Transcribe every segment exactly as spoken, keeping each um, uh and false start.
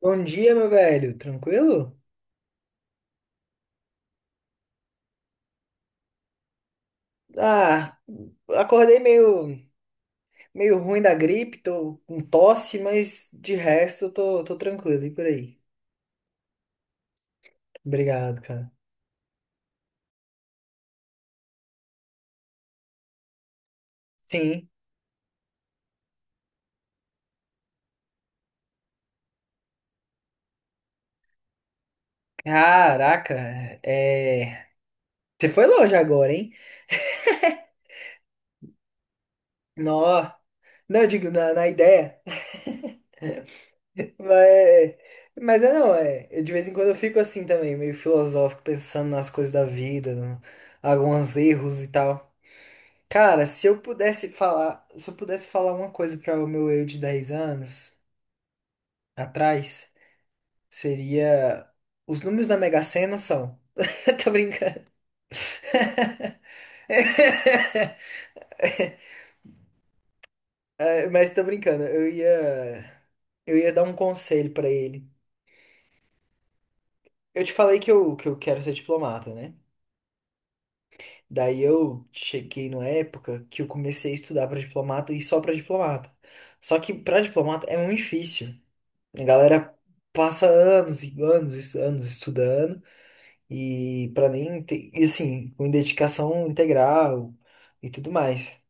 Bom dia, meu velho. Tranquilo? Ah, acordei meio, meio ruim da gripe, tô com tosse, mas de resto eu tô, tô tranquilo. E por aí? Obrigado, cara. Sim. Caraca, é... é, você foi longe agora, hein? Nó. Não, eu digo, na, na ideia. Mas, mas é não, é. Eu, de vez em quando eu fico assim também, meio filosófico, pensando nas coisas da vida, no- alguns erros e tal. Cara, se eu pudesse falar, se eu pudesse falar uma coisa para o meu eu de dez anos atrás, seria os números da Mega Sena são. Tô brincando. Mas tô brincando. Eu ia eu ia dar um conselho pra ele. Eu te falei que eu que eu quero ser diplomata, né? Daí eu cheguei numa época que eu comecei a estudar pra diplomata e só pra diplomata. Só que pra diplomata é muito difícil. A galera passa anos e anos, e anos estudando e para nem ter, e assim, com dedicação integral e tudo mais.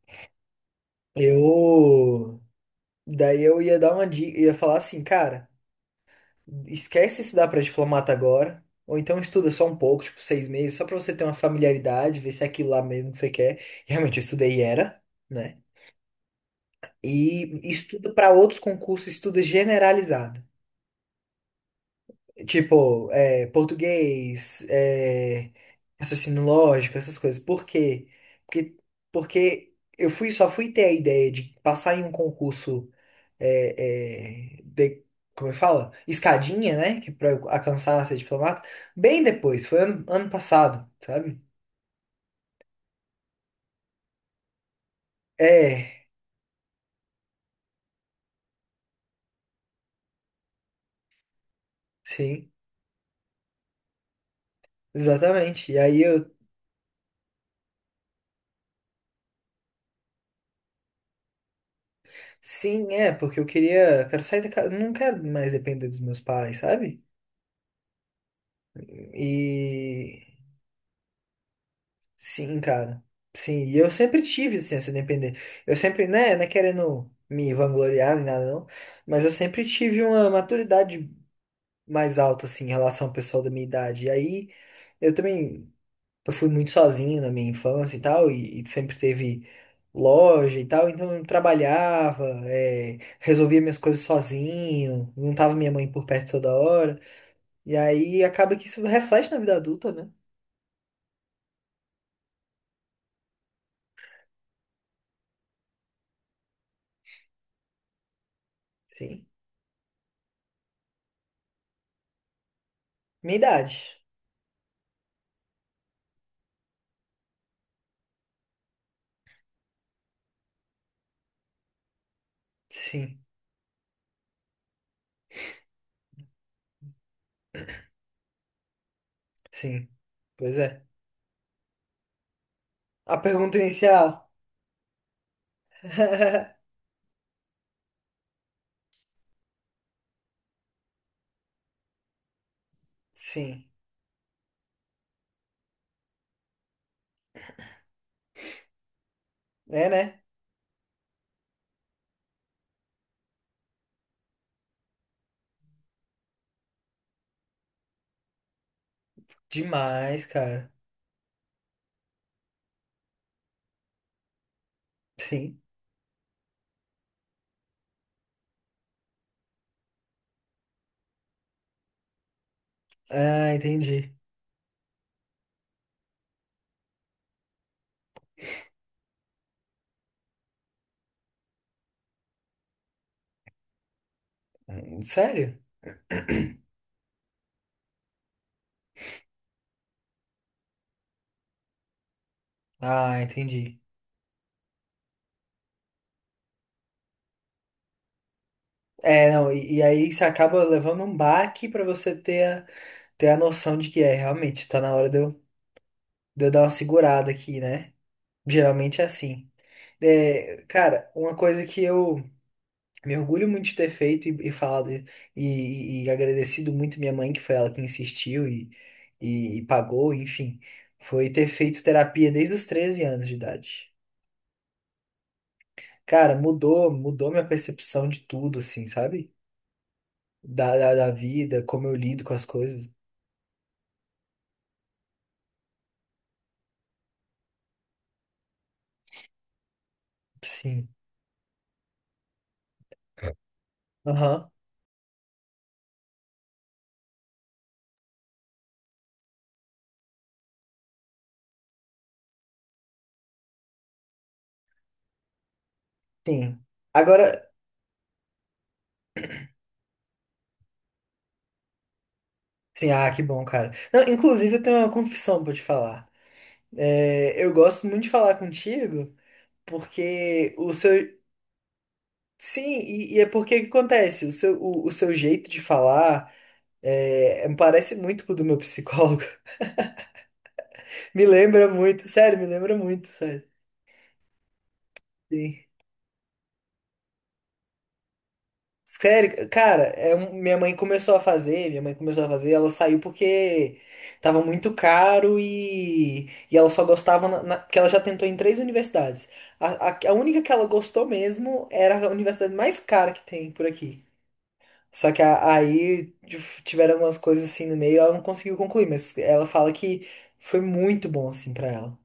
Eu daí eu ia dar uma dica, ia falar assim, cara, esquece estudar para diplomata agora, ou então estuda só um pouco, tipo seis meses, só para você ter uma familiaridade, ver se é aquilo lá mesmo que você quer. E realmente eu estudei e era, né? E estuda para outros concursos, estuda generalizado. Tipo, é, português, é, raciocínio lógico, essas coisas. Por quê? Porque, porque eu fui, só fui ter a ideia de passar em um concurso, é, é, de, como eu falo? Escadinha, né? Que pra eu alcançar a ser diplomata, bem depois, foi ano, ano passado, sabe? É, sim, exatamente. E aí eu, sim, é, porque eu queria, quero sair da casa, não quero mais depender dos meus pais, sabe? E. Sim, cara. Sim, e eu sempre tive assim, essa independência. Eu sempre, né, não é querendo me vangloriar nem nada, não, mas eu sempre tive uma maturidade mais alta, assim, em relação ao pessoal da minha idade. E aí, eu também, eu fui muito sozinho na minha infância e tal, e, e sempre teve loja e tal, então eu trabalhava, é, resolvia minhas coisas sozinho, não tava minha mãe por perto toda hora. E aí, acaba que isso reflete na vida adulta, né? Sim. Minha idade. Sim. Sim, pois é. A pergunta inicial. Sim. É, né? Demais, cara. Sim. Ah, entendi. Hum, Sério? Ah, entendi. É, não, e, e aí você acaba levando um baque pra você ter a, ter a noção de que é, realmente, tá na hora de eu, de eu dar uma segurada aqui, né? Geralmente é assim. É, cara, uma coisa que eu. Me orgulho muito de ter feito e, e falado e, e- e agradecido muito minha mãe, que foi ela que insistiu e, e, e pagou, enfim. Foi ter feito terapia desde os treze anos de idade. Cara, mudou, mudou minha percepção de tudo, assim, sabe? Da, da, da vida, como eu lido com as coisas. Sim. Aham, sim. Agora, sim, ah, que bom, cara. Não, inclusive, eu tenho uma confissão pra te falar. É, eu gosto muito de falar contigo. Porque o seu, sim, e, e é porque o que acontece? O seu, o, o seu jeito de falar é, é- parece muito com o do meu psicólogo. Me lembra muito, sério, me lembra muito, sério. Sim. Sério, cara, é um- minha mãe começou a fazer, minha mãe começou a fazer, ela saiu porque tava muito caro e, e ela só gostava, na, na- porque ela já tentou em três universidades. A, a, a única que ela gostou mesmo era a universidade mais cara que tem por aqui. Só que a- aí tif- tiveram algumas coisas assim no meio, ela não conseguiu concluir, mas ela fala que foi muito bom assim pra ela.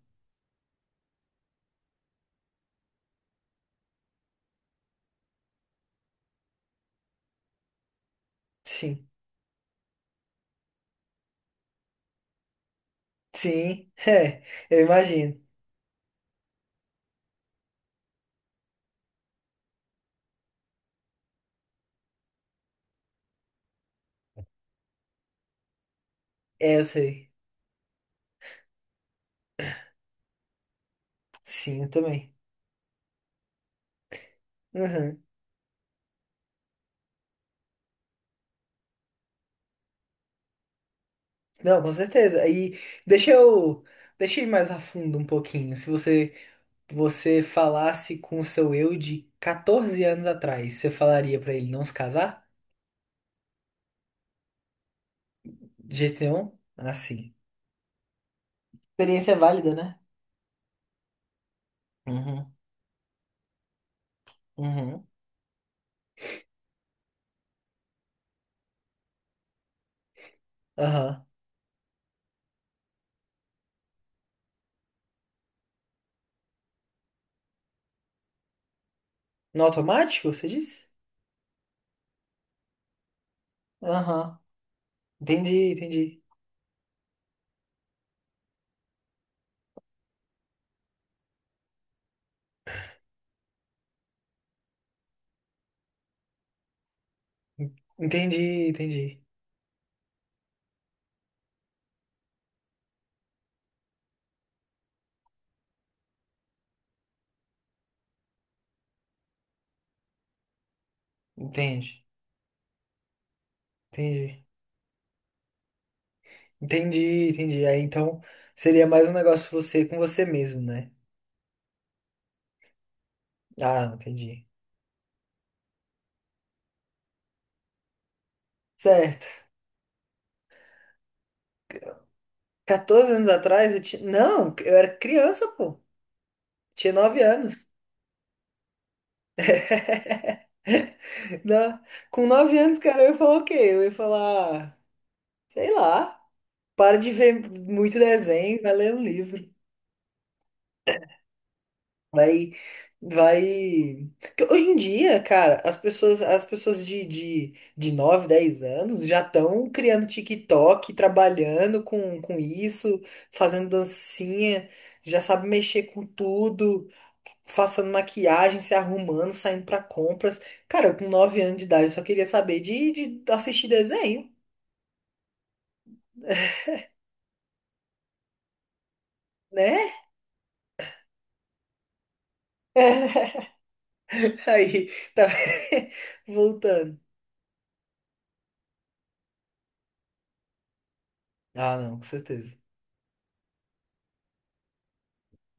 Sim. Sim, é, eu imagino. É, eu sei. Sim, eu também. Uhum. Não, com certeza. Aí deixa eu, deixa eu ir mais a fundo um pouquinho. Se você você falasse com o seu eu de 14 anos atrás, você falaria pra ele não se casar? De jeito nenhum? Assim. Experiência válida, né? Uhum. Uhum. Aham. No automático, você disse? Aham. Entendi, entendi. Entendi, entendi. Entendi, entendi. Entendi, entendi. Aí então seria mais um negócio você com você mesmo, né? Ah, entendi. Certo. Quatorze anos atrás eu tinha. Não, eu era criança, pô. Tinha nove anos. Na- Com nove anos, cara, eu ia falar o quê? Eu ia falar, sei lá, para de ver muito desenho, vai ler um livro. Vai, vai. Porque hoje em dia, cara, as pessoas, as pessoas de, de, de nove, dez anos já estão criando TikTok, trabalhando com, com isso, fazendo dancinha, já sabe mexer com tudo, passando maquiagem, se arrumando, saindo pra compras. Cara, eu com nove anos de idade só queria saber de, de assistir desenho, né? Aí, tá voltando. Ah, não, com certeza.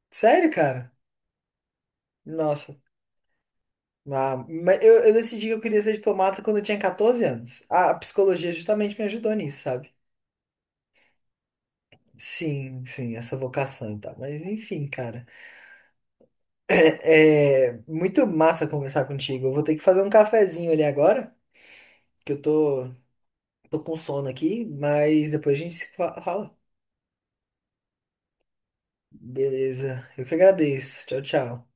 Sério, cara? Nossa. Ah, mas eu, eu decidi que eu queria ser diplomata quando eu tinha 14 anos. A, a psicologia justamente me ajudou nisso, sabe? Sim, sim, essa vocação e tal. Mas enfim, cara. É, é muito massa conversar contigo. Eu vou ter que fazer um cafezinho ali agora, que eu tô, tô com sono aqui, mas depois a gente se fa- fala. Beleza. Eu que agradeço. Tchau, tchau.